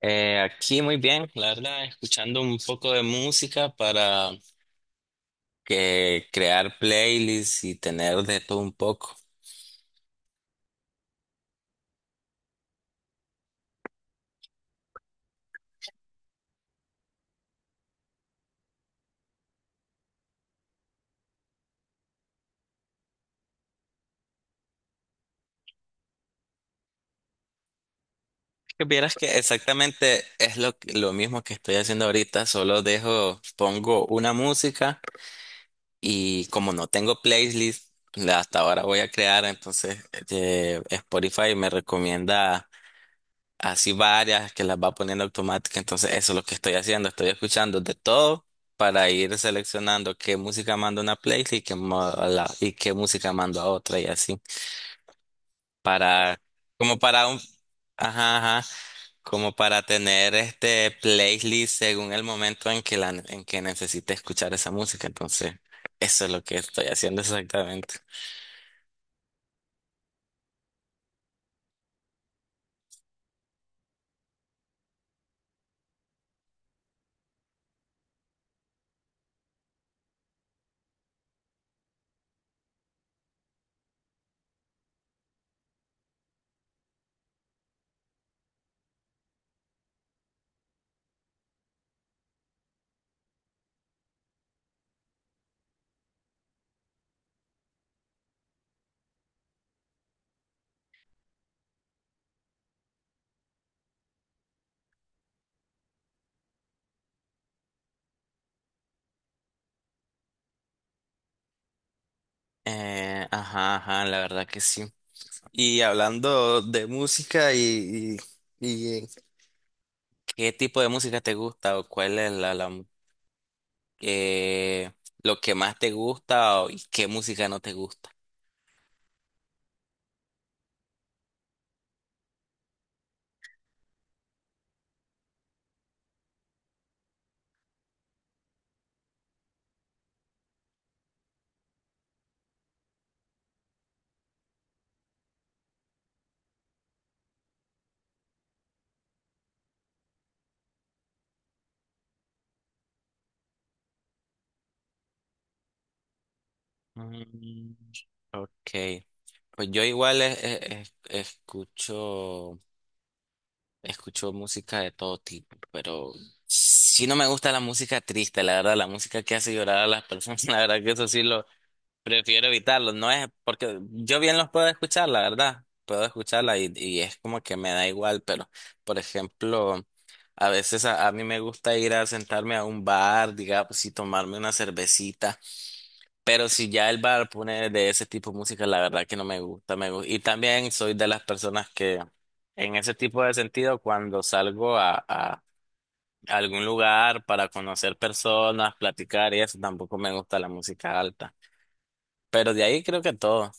Aquí muy bien, la verdad, escuchando un poco de música para que crear playlists y tener de todo un poco. Que vieras que exactamente es lo mismo que estoy haciendo ahorita, solo dejo, pongo una música y como no tengo playlist, la hasta ahora voy a crear, entonces Spotify me recomienda así varias que las va poniendo automática. Entonces, eso es lo que estoy haciendo. Estoy escuchando de todo para ir seleccionando qué música mando a una playlist y qué, mo- a la- y qué música mando a otra y así. Para, como para un, ajá, ajá, como para tener este playlist según el momento en en que necesite escuchar esa música. Entonces, eso es lo que estoy haciendo exactamente. Ajá, ajá, la verdad que sí. Y hablando de música y ¿qué tipo de música te gusta o cuál es eh, lo que más te gusta y qué música no te gusta? Mm, ok. Pues yo igual escucho música de todo tipo, pero sí no me gusta la música triste, la verdad, la música que hace llorar a las personas, la verdad que eso sí lo prefiero evitarlo, no es porque yo bien los puedo escuchar, la verdad, puedo escucharla y es como que me da igual, pero por ejemplo, a veces a mí me gusta ir a sentarme a un bar, digamos, y tomarme una cervecita, pero si ya el bar pone de ese tipo de música, la verdad que no me gusta, me gusta. Y también soy de las personas que en ese tipo de sentido, cuando salgo a algún lugar para conocer personas, platicar y eso, tampoco me gusta la música alta. Pero de ahí creo que todo.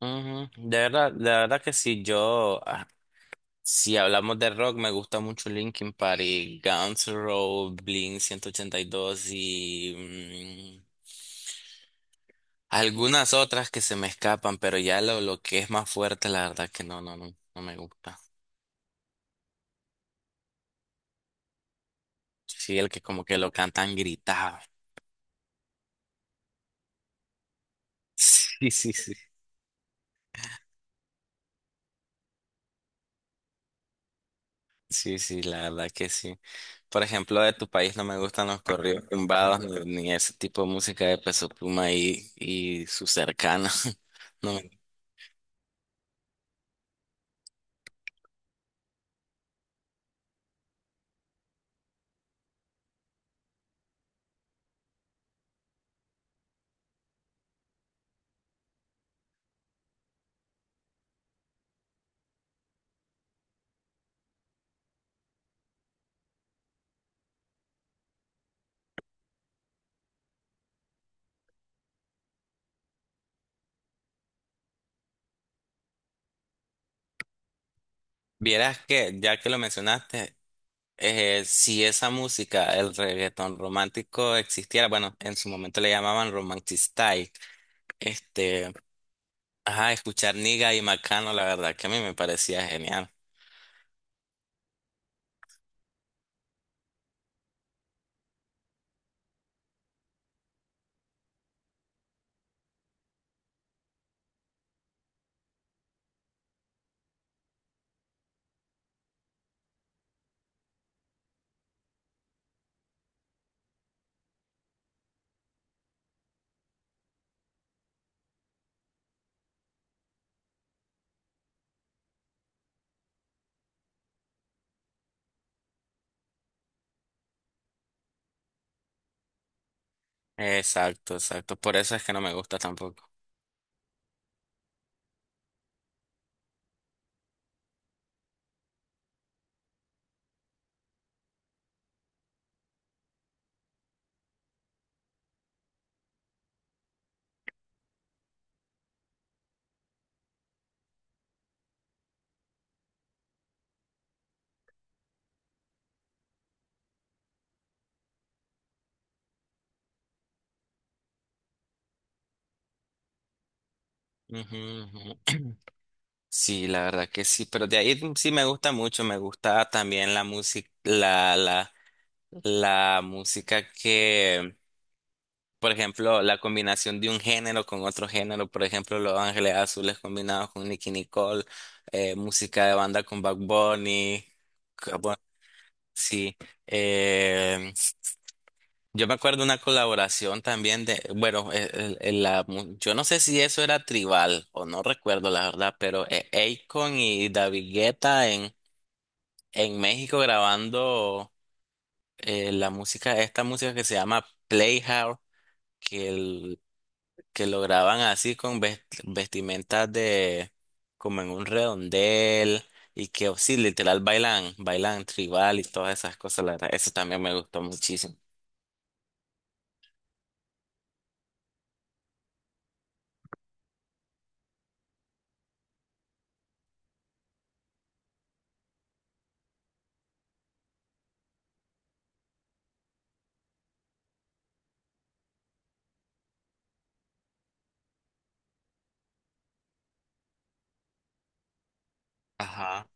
Ujú. De verdad que sí, si hablamos de rock, me gusta mucho Linkin Park y Guns N' Roses, Blink 182 algunas otras que se me escapan, pero ya lo que es más fuerte, la verdad que no me gusta. Sí, el que como que lo cantan gritado. Sí, sí, sí. Sí, sí, la verdad que sí. Por ejemplo, de tu país no me gustan los corridos tumbados ni ese tipo de música de Peso Pluma y sus cercanos. No, me- Vieras que, ya que lo mencionaste, si esa música, el reggaetón romántico existiera, bueno, en su momento le llamaban romantic style, este, ajá, escuchar Niga y Macano, la verdad que a mí me parecía genial. Exacto, exacto. Por eso es que no me gusta tampoco. Ujú, ujú. Sí, la verdad que sí, pero de ahí sí me gusta mucho, me gusta también la música que, por ejemplo, la combinación de un género con otro género, por ejemplo, Los Ángeles Azules combinados con Nicki Nicole, música de banda con Bad Bunny, que, bueno, sí, eh, yo me acuerdo una colaboración también de, bueno, yo no sé si eso era tribal o no recuerdo la verdad, pero Akon y David Guetta en México grabando la música, esta música que se llama Playhouse, que, el- que lo graban así con vestimentas de, como en un redondel y que oh, sí, literal bailan, bailan tribal y todas esas cosas, la verdad, eso también me gustó muchísimo. Ajá.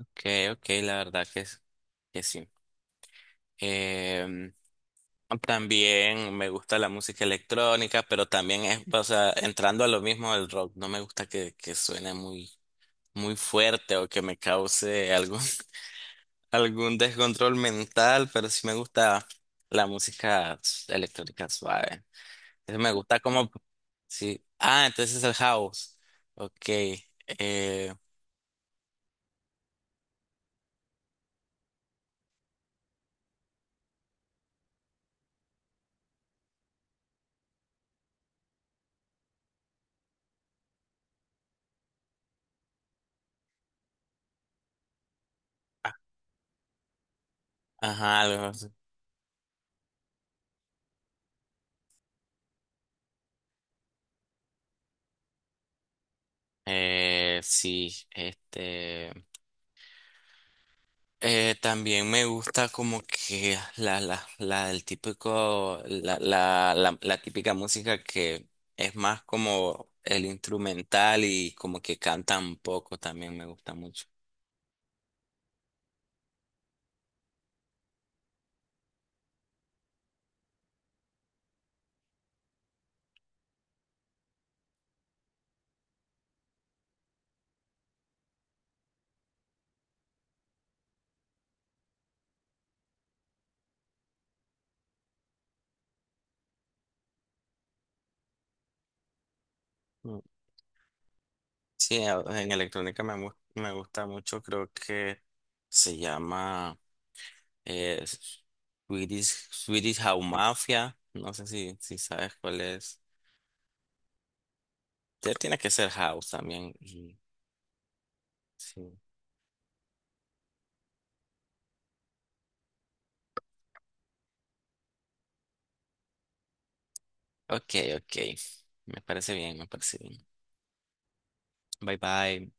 Ok, ok, la verdad que sí. Em, También me gusta la música electrónica, pero también es, o sea, entrando a lo mismo del rock, no me gusta que suene muy fuerte o que me cause algún, algún descontrol mental, pero sí me gusta la música electrónica suave. Entonces me gusta como, sí. Ah, entonces es el house. Ok. Ajá, algo así. Eh, sí, este. También me gusta como que el típico, la típica música que es más como el instrumental y como que cantan poco también me gusta mucho. Mm. Sí, en electrónica me gusta mucho, creo que se llama eh, Swedish House Mafia, no sé si sabes cuál es. Ya tiene que ser house también. Sí. Ok, ok, me parece bien, me parece bien. Bye bye.